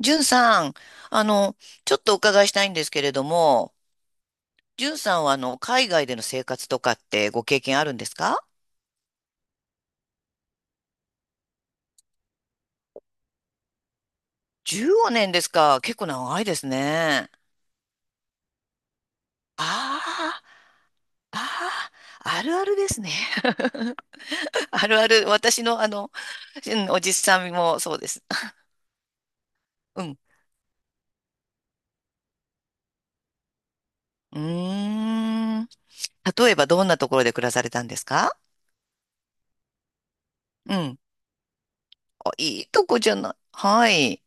じゅんさん、あの、ちょっとお伺いしたいんですけれども、じゅんさんは海外での生活とかってご経験あるんですか？ 15 年ですか。結構長いですね。ああ、ああるあるですね。あるある。私のうんおじさんもそうです。うん。うーん。例えばどんなところで暮らされたんですか？うん。あ、いいとこじゃない。はい。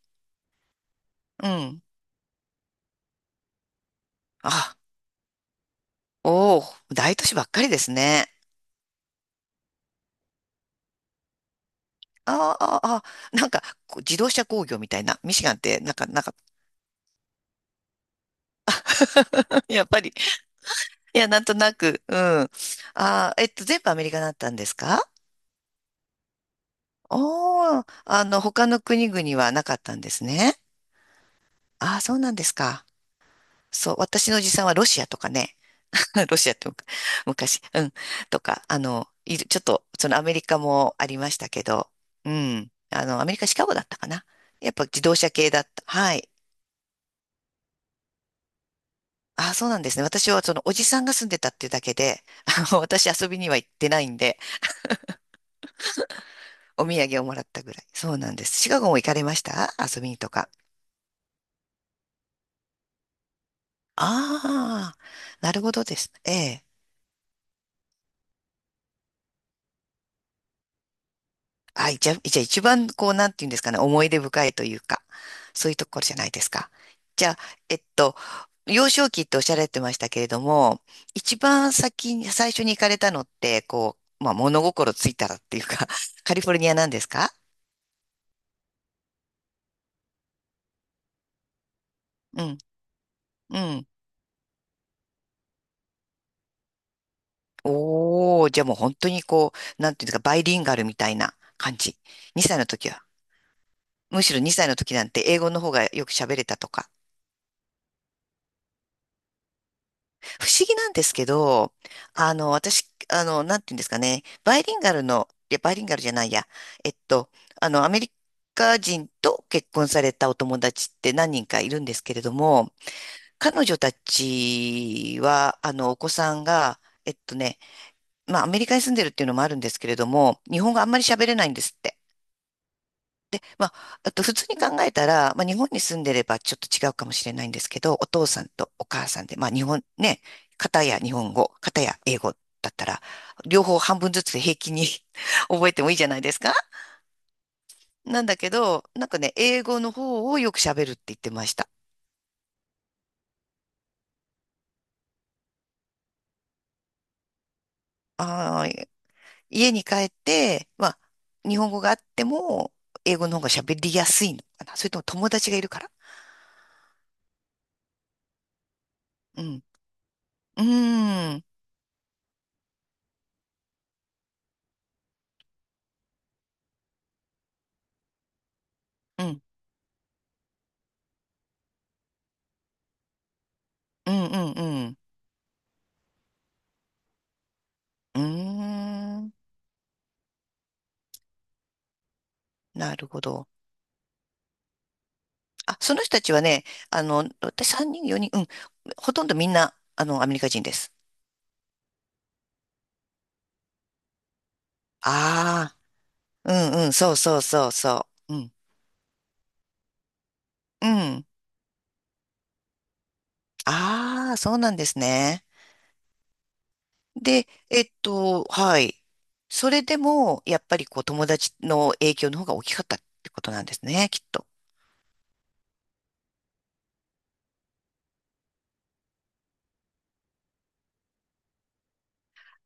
うん。あ、おお、大都市ばっかりですね。ああ、ああ、なんか、こう自動車工業みたいな。ミシガンって、なんか、やっぱり、いや、なんとなく、うん。ああ、全部アメリカだったんですか？おおー、他の国々はなかったんですね。ああ、そうなんですか。そう、私のおじさんはロシアとかね。ロシアって 昔、うん。とか、あの、いる、ちょっと、そのアメリカもありましたけど、うん。あの、アメリカ、シカゴだったかな。やっぱ自動車系だった。はい。ああ、そうなんですね。私はそのおじさんが住んでたっていうだけで、あの私遊びには行ってないんで、お土産をもらったぐらい。そうなんです。シカゴも行かれました遊びにとか？ああ、なるほどですね。ええ。はい、じゃあ、一番こう、なんていうんですかね、思い出深いというか、そういうところじゃないですか。じゃあ、えっと、幼少期っておっしゃられてましたけれども、一番先に、最初に行かれたのって、こう、まあ、物心ついたらっていうか、カリフォルニアなんですか？うん、うん。おー、じゃあもう本当にこう、なんていうんですか、バイリンガルみたいな感じ。2歳の時は。むしろ2歳の時なんて英語の方がよく喋れたとか。不思議なんですけど、私、なんていうんですかね、バイリンガルの、いや、バイリンガルじゃないや、えっと、アメリカ人と結婚されたお友達って何人かいるんですけれども、彼女たちは、あの、お子さんが、えっとね、まあ、アメリカに住んでるっていうのもあるんですけれども、日本語あんまり喋れないんですって。まあ、あと普通に考えたら、まあ、日本に住んでればちょっと違うかもしれないんですけど、お父さんとお母さんで、まあ日本ね、片や日本語、片や英語だったら、両方半分ずつで平気に 覚えてもいいじゃないですか。なんだけど、なんかね、英語の方をよく喋るって言ってました。あー、家に帰って、まあ、日本語があっても、英語の方が喋りやすいのかな。それとも友達がいるから。うん。うーん。うん。うん。うん。うん。うーん。なるほど。あ、その人たちはね、私3人、4人、うん、ほとんどみんな、あの、アメリカ人です。ああ、うんうん、そうそうそうそう。うん、うん。ああ、そうなんですね。で、はい。それでも、やっぱりこう、友達の影響の方が大きかったってことなんですね、きっと。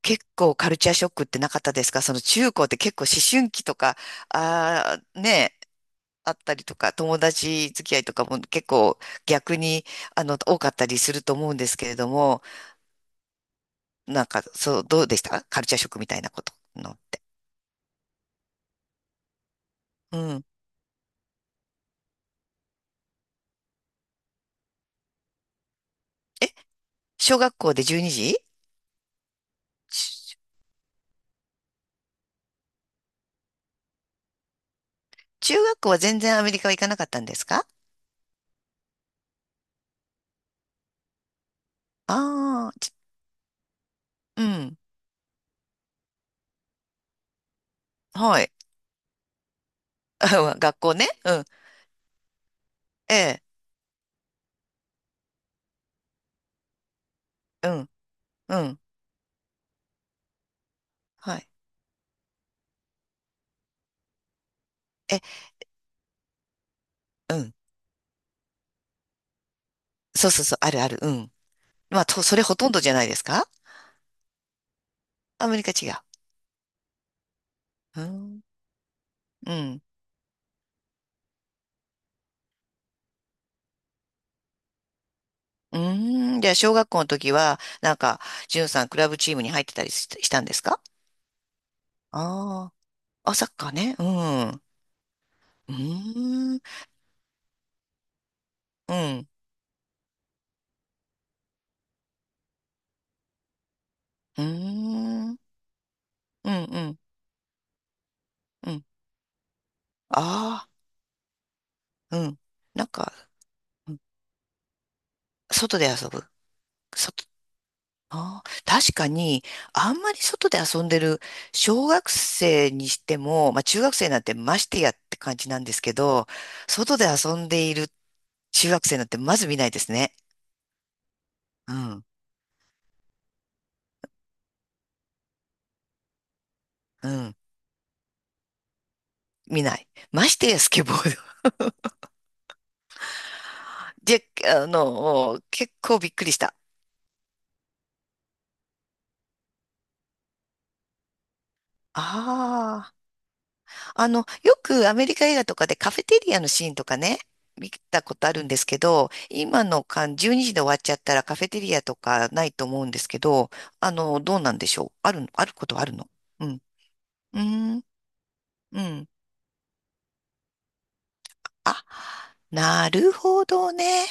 結構カルチャーショックってなかったですか、その中高って結構思春期とか、ああ、ね、あったりとか、友達付き合いとかも結構逆に、あの、多かったりすると思うんですけれども、なんか、そう、どうでしたカルチャーショックみたいなことのって。うん。え、小学校で12時ち、中学校は全然アメリカは行かなかったんですか？ああー、うん。はい。学校ね。うん。ええ、うん、うん。はい。え、うん。そうそうそう、あるある。うん。まあ、と、それほとんどじゃないですか？アメリカ違う。うん。うん。うーん。じゃあ、小学校の時は、なんか、じゅんさん、クラブチームに入ってたりし、したんですか？ああー。あ、サッカーね。うん。うーん。うん。うーん。うん。うん。うん。ああ。うん。なんか、うん外で遊ぶ。外。ああ。確かに、あんまり外で遊んでる、小学生にしても、まあ、中学生なんてましてやって感じなんですけど、外で遊んでいる中学生なんてまず見ないですね。うん。うん。見ない。ましてやスケボー。で、結構びっくりした。ああ、よくアメリカ映画とかでカフェテリアのシーンとかね、見たことあるんですけど、今の間、12時で終わっちゃったらカフェテリアとかないと思うんですけど、あの、どうなんでしょう。ある、あることはあるの？うん。うーん、うん。あ、なるほどね。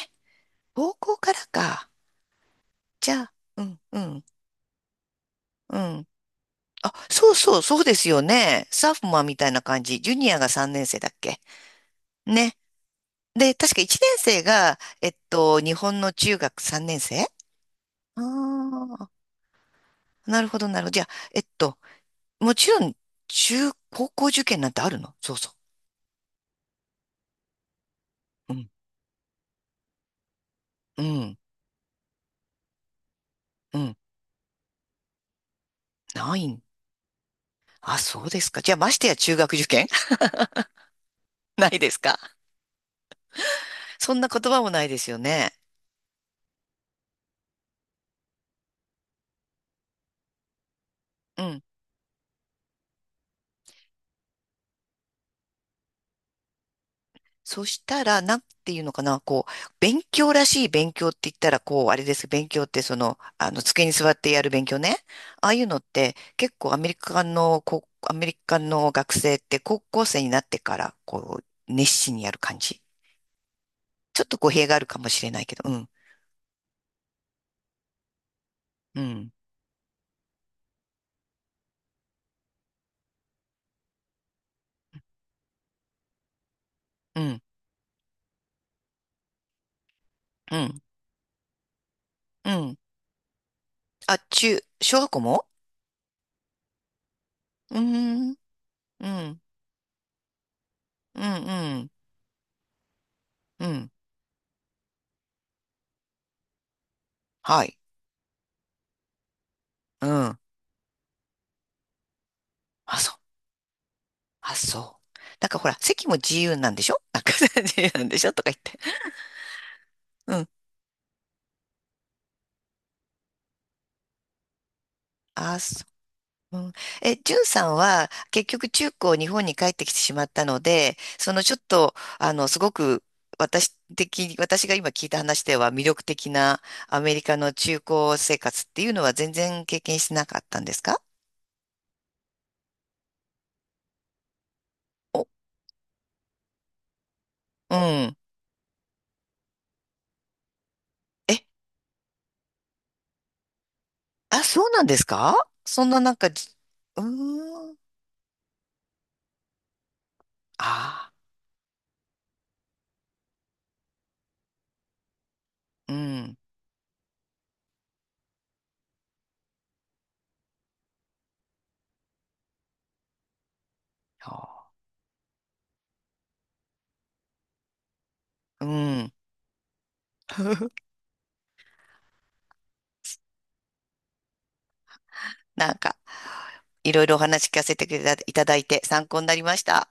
高校からか。じゃあ、うん、うん、うん。あ、そうそう、そうですよね。サーフマンみたいな感じ。ジュニアが3年生だっけね。で、確か1年生が、日本の中学3年生。ああー、なるほど、なるほど。じゃあ、えっと、もちろん、中、高校受験なんてあるの？そうそう。うん、うん、うん。ないん。あ、そうですか。じゃあ、ましてや中学受験 ないですか？そんな言葉もないですよね。うん。そしたら、なんていうのかな、こう、勉強らしい勉強って言ったら、こう、あれですけど。勉強って、その、あの、机に座ってやる勉強ね。ああいうのって、結構アメリカの、こう、アメリカの学生って高校生になってから、こう、熱心にやる感じ。ちょっと語弊があるかもしれないけど、うん、うん、うん、うん、うん。あ、中、小学校も。うーん、うん、うん、うん、うん。はい。うん。あ、そ、あ、そう。なんかほら、席も自由なんでしょ、なんか 自由なんでしょとか言って。うん。あ、そう。うん、え、ジュンさんは結局中高日本に帰ってきてしまったので、そのちょっと、あの、すごく私的、私が今聞いた話では魅力的なアメリカの中高生活っていうのは全然経験してなかったんですか？お、うん。え、あ、そうなんですか？そんななんかじ、うーん。ああ、うん。あー、うん。なんか、いろいろお話聞かせていただいて参考になりました。